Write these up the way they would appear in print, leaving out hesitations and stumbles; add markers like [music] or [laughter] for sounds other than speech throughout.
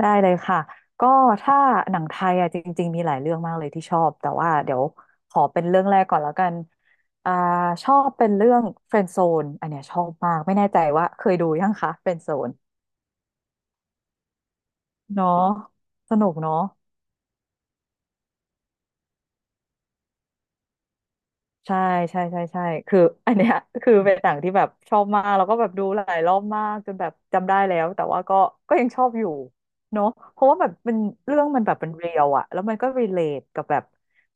ได้เลยค่ะก็ถ้าหนังไทยอ่ะจริงๆมีหลายเรื่องมากเลยที่ชอบแต่ว่าเดี๋ยวขอเป็นเรื่องแรกก่อนแล้วกันอ่าชอบเป็นเรื่อง r ฟ e น d z โซนอันเนี้ยชอบมากไม่แน่ใจว่าเคยดูยังคะ r ฟ e น d z โซนเนาะสนุกเนาะ ใช่ใช่ใช่ใช่คืออันเนี้ย [laughs] คือเป็นหนังที่แบบชอบมากแล้วก็แบบดูหลายรอบมากจนแบบจำได้แล้วแต่ว่าก็ยังชอบอยู่เนาะเพราะว่าแบบมันเรื่องมันแบบเป็นเรียลอะแล้วมันก็รีเลทกับแบบ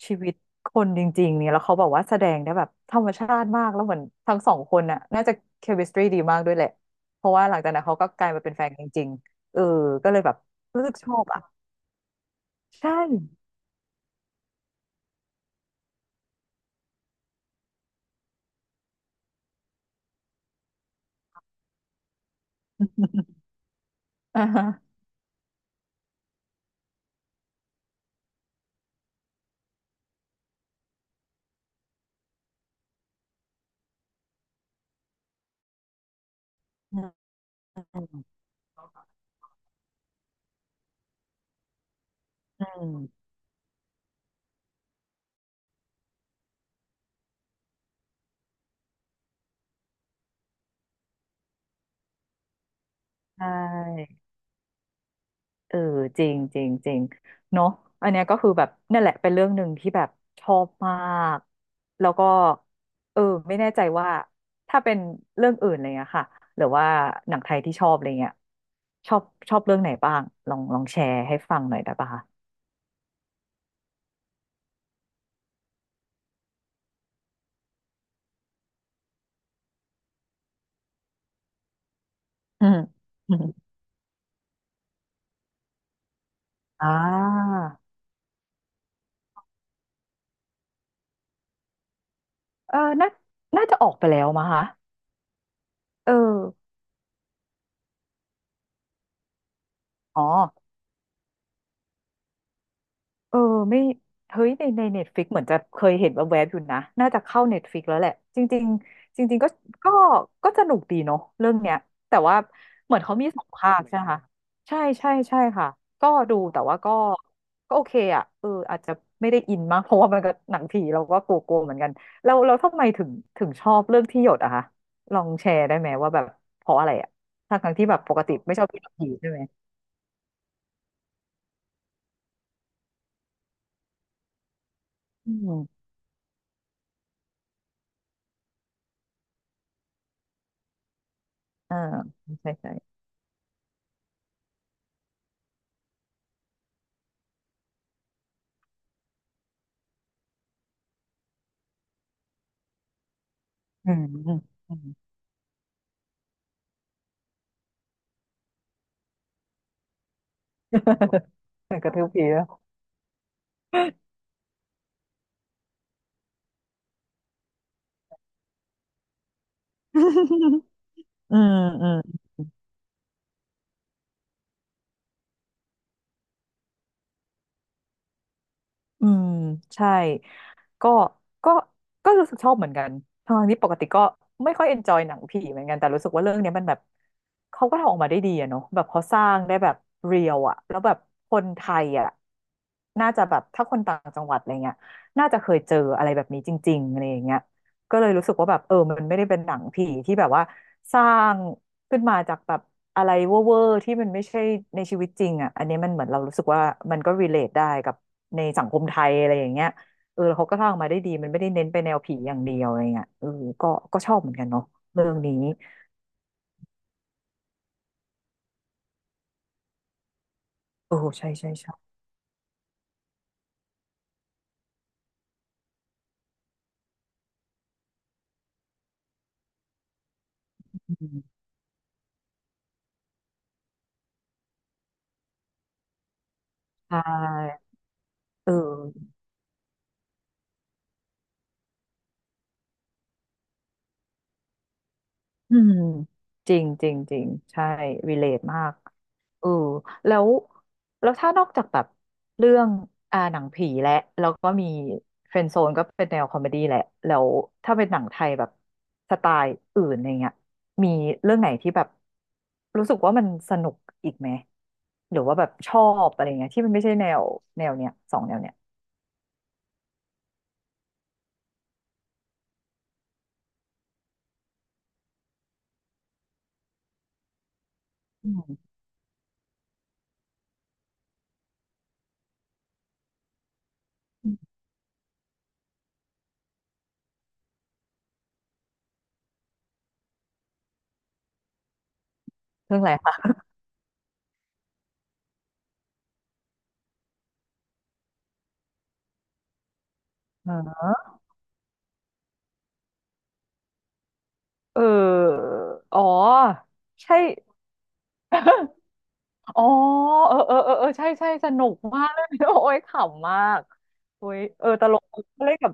ชีวิตคนจริงๆเนี่ยแล้วเขาแบบว่าแสดงได้แบบธรรมชาติมากแล้วเหมือนทั้งสองคนน่ะน่าจะเคมิสตรีดีมากด้วยแหละเพราะว่าหลังจากนั้นเขาก็กลายมาเป็นแฟนกันจริงๆเออก็เลยแบบรู้สึกชอบอะใช่ [laughs] อ่าฮะอืมอืมใช่ เออจริงจริงจริงเนาะอันเนี้ยก็คือแบบนั่นแหละเป็นเรื่องหนึ่งที่แบบชอบมากแล้วก็เออไม่แน่ใจว่าถ้าเป็นเรื่องอื่นอะไรเงี้ยค่ะหรือว่าหนังไทยที่ชอบอะไรเงี้ยชอบชอบเรื่องไหนบ้างลองแชร์ให้ฟังหน่อยได้ปะคะอืมอืม [laughs] อ่าเออน่าน่าจะออกไปแล้วมั้งคะเอออ๋อ เออไม่เฮ้ยในในเน็ตฟิกเหมือนจะเคยเห็นแวบๆอยู่นะน่าจะเข้าเน็ตฟิกแล้วแหละจริงๆจริงๆก็ก็สนุกดีเนาะเรื่องเนี้ยแต่ว่าเหมือนเขามีสองภาคใช่ไหมคะใช่ค่ะก็ดูแต่ว่าก็ก็โอเคอ่ะเอออาจจะไม่ได้อินมาก [laughs] เพราะว่ามันก็หนังผีเราก็กลัวๆเหมือนกันแล้วทำไมถึงชอบเรื่องที่หยดอะคะลองแชร์ได้ไหมว่าแบบเพราะอะไรอะทั้งๆที่แบบปกติไม่ชอบดูหนังผีใช่ไหมอืมอ่าใช่ใช่อืมอืม [laughs] กระทืบผีแล้ว [laughs] อืมอืมอืมใช่ ก็ก็ก็รู้สึกชอบเหมือนกันทั้งนที่ปกติก็ไม่ค่อยเอนจอยหนังผีเหมือนกันแต่รู้สึกว่าเรื่องเนี้ยมันแบบเขาก็ทำออกมาได้ดีอะเนาะแบบเขาสร้างได้แบบเรียลอะแล้วแบบคนไทยอะน่าจะแบบถ้าคนต่างจังหวัดอะไรเงี้ยน่าจะเคยเจออะไรแบบนี้จริงๆอะไรอย่างเงี้ยก็เลยรู้สึกว่าแบบเออมันไม่ได้เป็นหนังผีที่แบบว่าสร้างขึ้นมาจากแบบอะไรเวอร์ๆที่มันไม่ใช่ในชีวิตจริงอ่ะอันนี้มันเหมือนเรารู้สึกว่ามันก็ relate ได้กับในสังคมไทยอะไรอย่างเงี้ย เออแล้วเขาก็สร้างมาได้ดีมันไม่ได้เน้นไปแนวผีอย่างเดียวอะไรเงี้ยเออก็ก็ชอบเหมือนกันเนาะเรื่องนี้เออใช่อืมใช่เออ อืมจริงจริงจริงใช่รีเลทมากเออแล้วแล้วถ้านอกจากแบบเรื่องหนังผีและแล้วก็มีเฟรนด์โซนก็เป็นแนวคอมเมดี้แหละแล้วถ้าเป็นหนังไทยแบบสไตล์อื่นอะไรเงี้ยมีเรื่องไหนที่แบบรู้สึกว่ามันสนุกอีกไหมหรือว่าแบบชอบอะไรเงี้ยที่มันไม่ใช่แนวเนี้ยสองแนวเนี้ยอืมเรื่องอะไรคะเออเอออ๋อใช่ อ๋อเออใช่สนุกมากเลย [laughs] โอ้ยขำมากโอ้ยเออตลกฉันเล่นกับ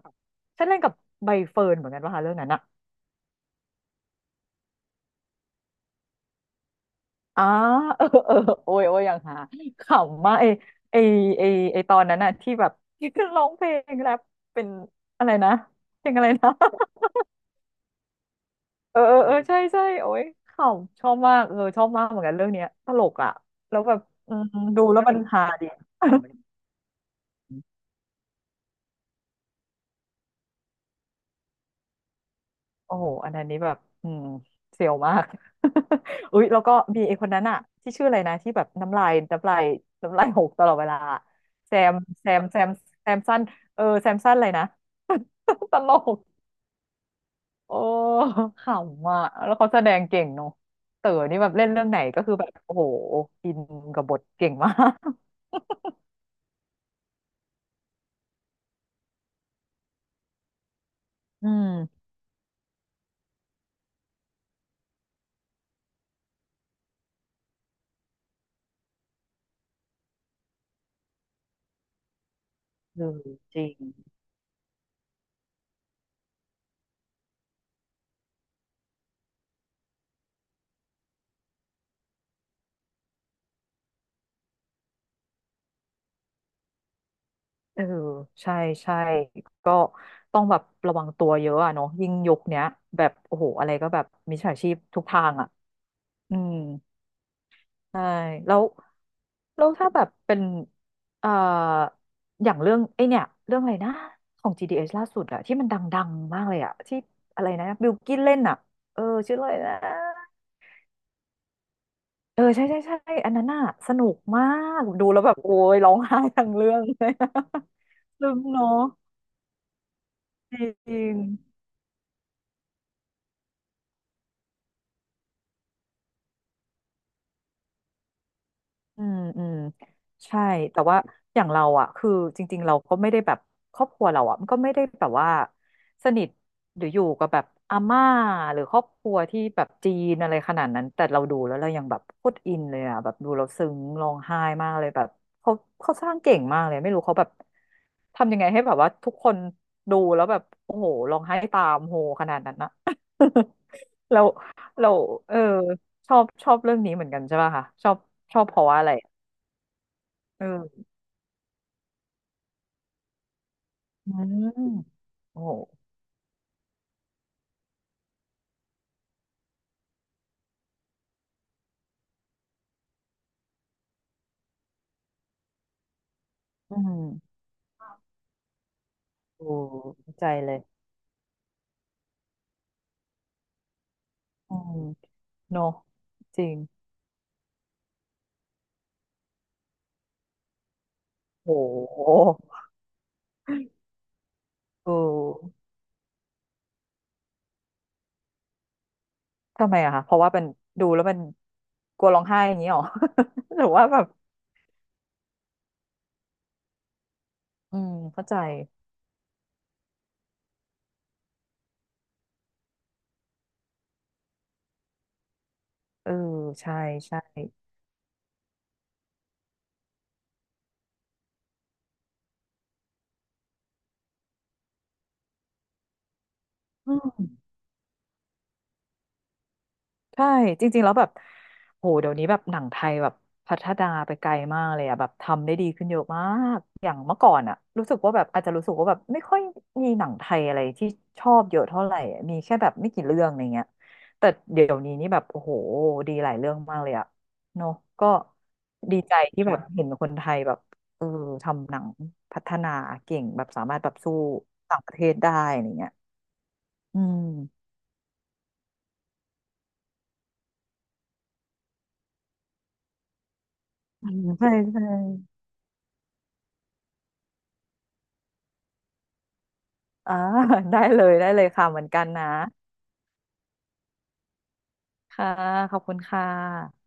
ฉันเล่นกับใบเฟิร์นเหมือนกันป่ะคะเรื่องนั้นอะอ่าเออเออโอ้ยโอ้ยอย่างหาขำมากไอไอไอตอนนั้นอะที่แบบที่ขึ้นร้องเพลงแรปเป็นอะไรนะเพลงอะไรนะ [laughs] เออใช่โอ้ยขำชอบมากเออชอบมากเหมือนกันเรื่องเนี้ยตลกอะแล้วแบบอืมดูแล้วมันฮาดี โอ้โหอันนั้นนี้แบบอืมเสียวมาก [laughs] อุ๊ยแล้วก็มีไอ้คนนั้นอะที่ชื่ออะไรนะที่แบบน้ำลายหกตลอดเวลาแซมแซมแซมแซมสั้นเออแซมสั้นอะไรนะ [laughs] ตลกโอ้ขำอ่ะแล้วเขาแสดงเก่งเนาะเต๋อนี่แบบเล่นเรื่องไหนก็คือแบบโอ้โหอินกับบทเก่งมาก [laughs] อืมเออจริง เออใช่ใช่ก็ต้องแบบระวังตัวเยอะอะเนาะยิ่งยุคเนี้ยแบบโอ้โหอะไรก็แบบมิจฉาชีพทุกทางอ่ะอืมใช่แล้วแล้วถ้าแบบเป็นเอ่ออย่างเรื่องไอเนี่ยเรื่องอะไรนะของ GDS ล่าสุดอะที่มันดังๆมากเลยอะที่อะไรนะบิลกิ้นเล่นอะเออชื่ออะไรนะเออใช่อันนั้นน่ะสนุกมากดูแล้วแบบโอ้ยร้องไห้ทั้งเรื่องเลย [laughs] ซึมงเนาะจริง อืมอืมใช่แต่ว่าอย่างเราอ่ะคือจริงๆเราก็ไม่ได้แบบครอบครัวเราอ่ะมันก็ไม่ได้แบบว่าสนิทหรืออยู่กับแบบอาม่าหรือครอบครัวที่แบบจีนอะไรขนาดนั้นแต่เราดูแล้วเรายังแบบโคตรอินเลยอ่ะแบบดูเราซึ้งร้องไห้มากเลยแบบเขาเขาสร้างเก่งมากเลยไม่รู้เขาแบบทำยังไงให้แบบว่าทุกคนดูแล้วแบบโอ้โหร้องไห้ตามโหขนาดนั้นนะ [laughs] เราเราเออ ชอบเรื่องนี้เหมือนกันใช่ป่ะคะชอบชอบเพราะว่าอะไรเอออืมโอ้โหอืมโอ้เข้าใจเลยอืมเนอะจริงโอ้โหเออทำไมอะคะเพราะว่าเป็นดูแล้วมันกลัวร้องไห้อย่างนี้หรอ [laughs] หรือว่าแบบอืมเข้าใจเออใช่ใช่ ใช่จริงๆแล้วแบบโหเดี๋ยวนี้แบบหนังไทยแบบพัฒนาไปไกลมากเลยอะแบบทำได้ดีขึ้นเยอะมากอย่างเมื่อก่อนอะรู้สึกว่าแบบอาจจะรู้สึกว่าแบบไม่ค่อยมีหนังไทยอะไรที่ชอบเยอะเท่าไหร่อะมีแค่แบบไม่กี่เรื่องอะไรเงี้ยแต่เดี๋ยวนี้นี่แบบโอ้โหดีหลายเรื่องมากเลยอะเนอะก็ดีใจที่แบบบเห็นคนไทยแบบเออทำหนังพัฒนาเก่งแบบสามารถแบบสู้ต่างประเทศได้อะไรเงี้ยอืมอืมใช่ใช่ อ่า [laughs] ได้เลยได้เลยค่ะเหมือนกันนะค่ะขอบคุณค่ะ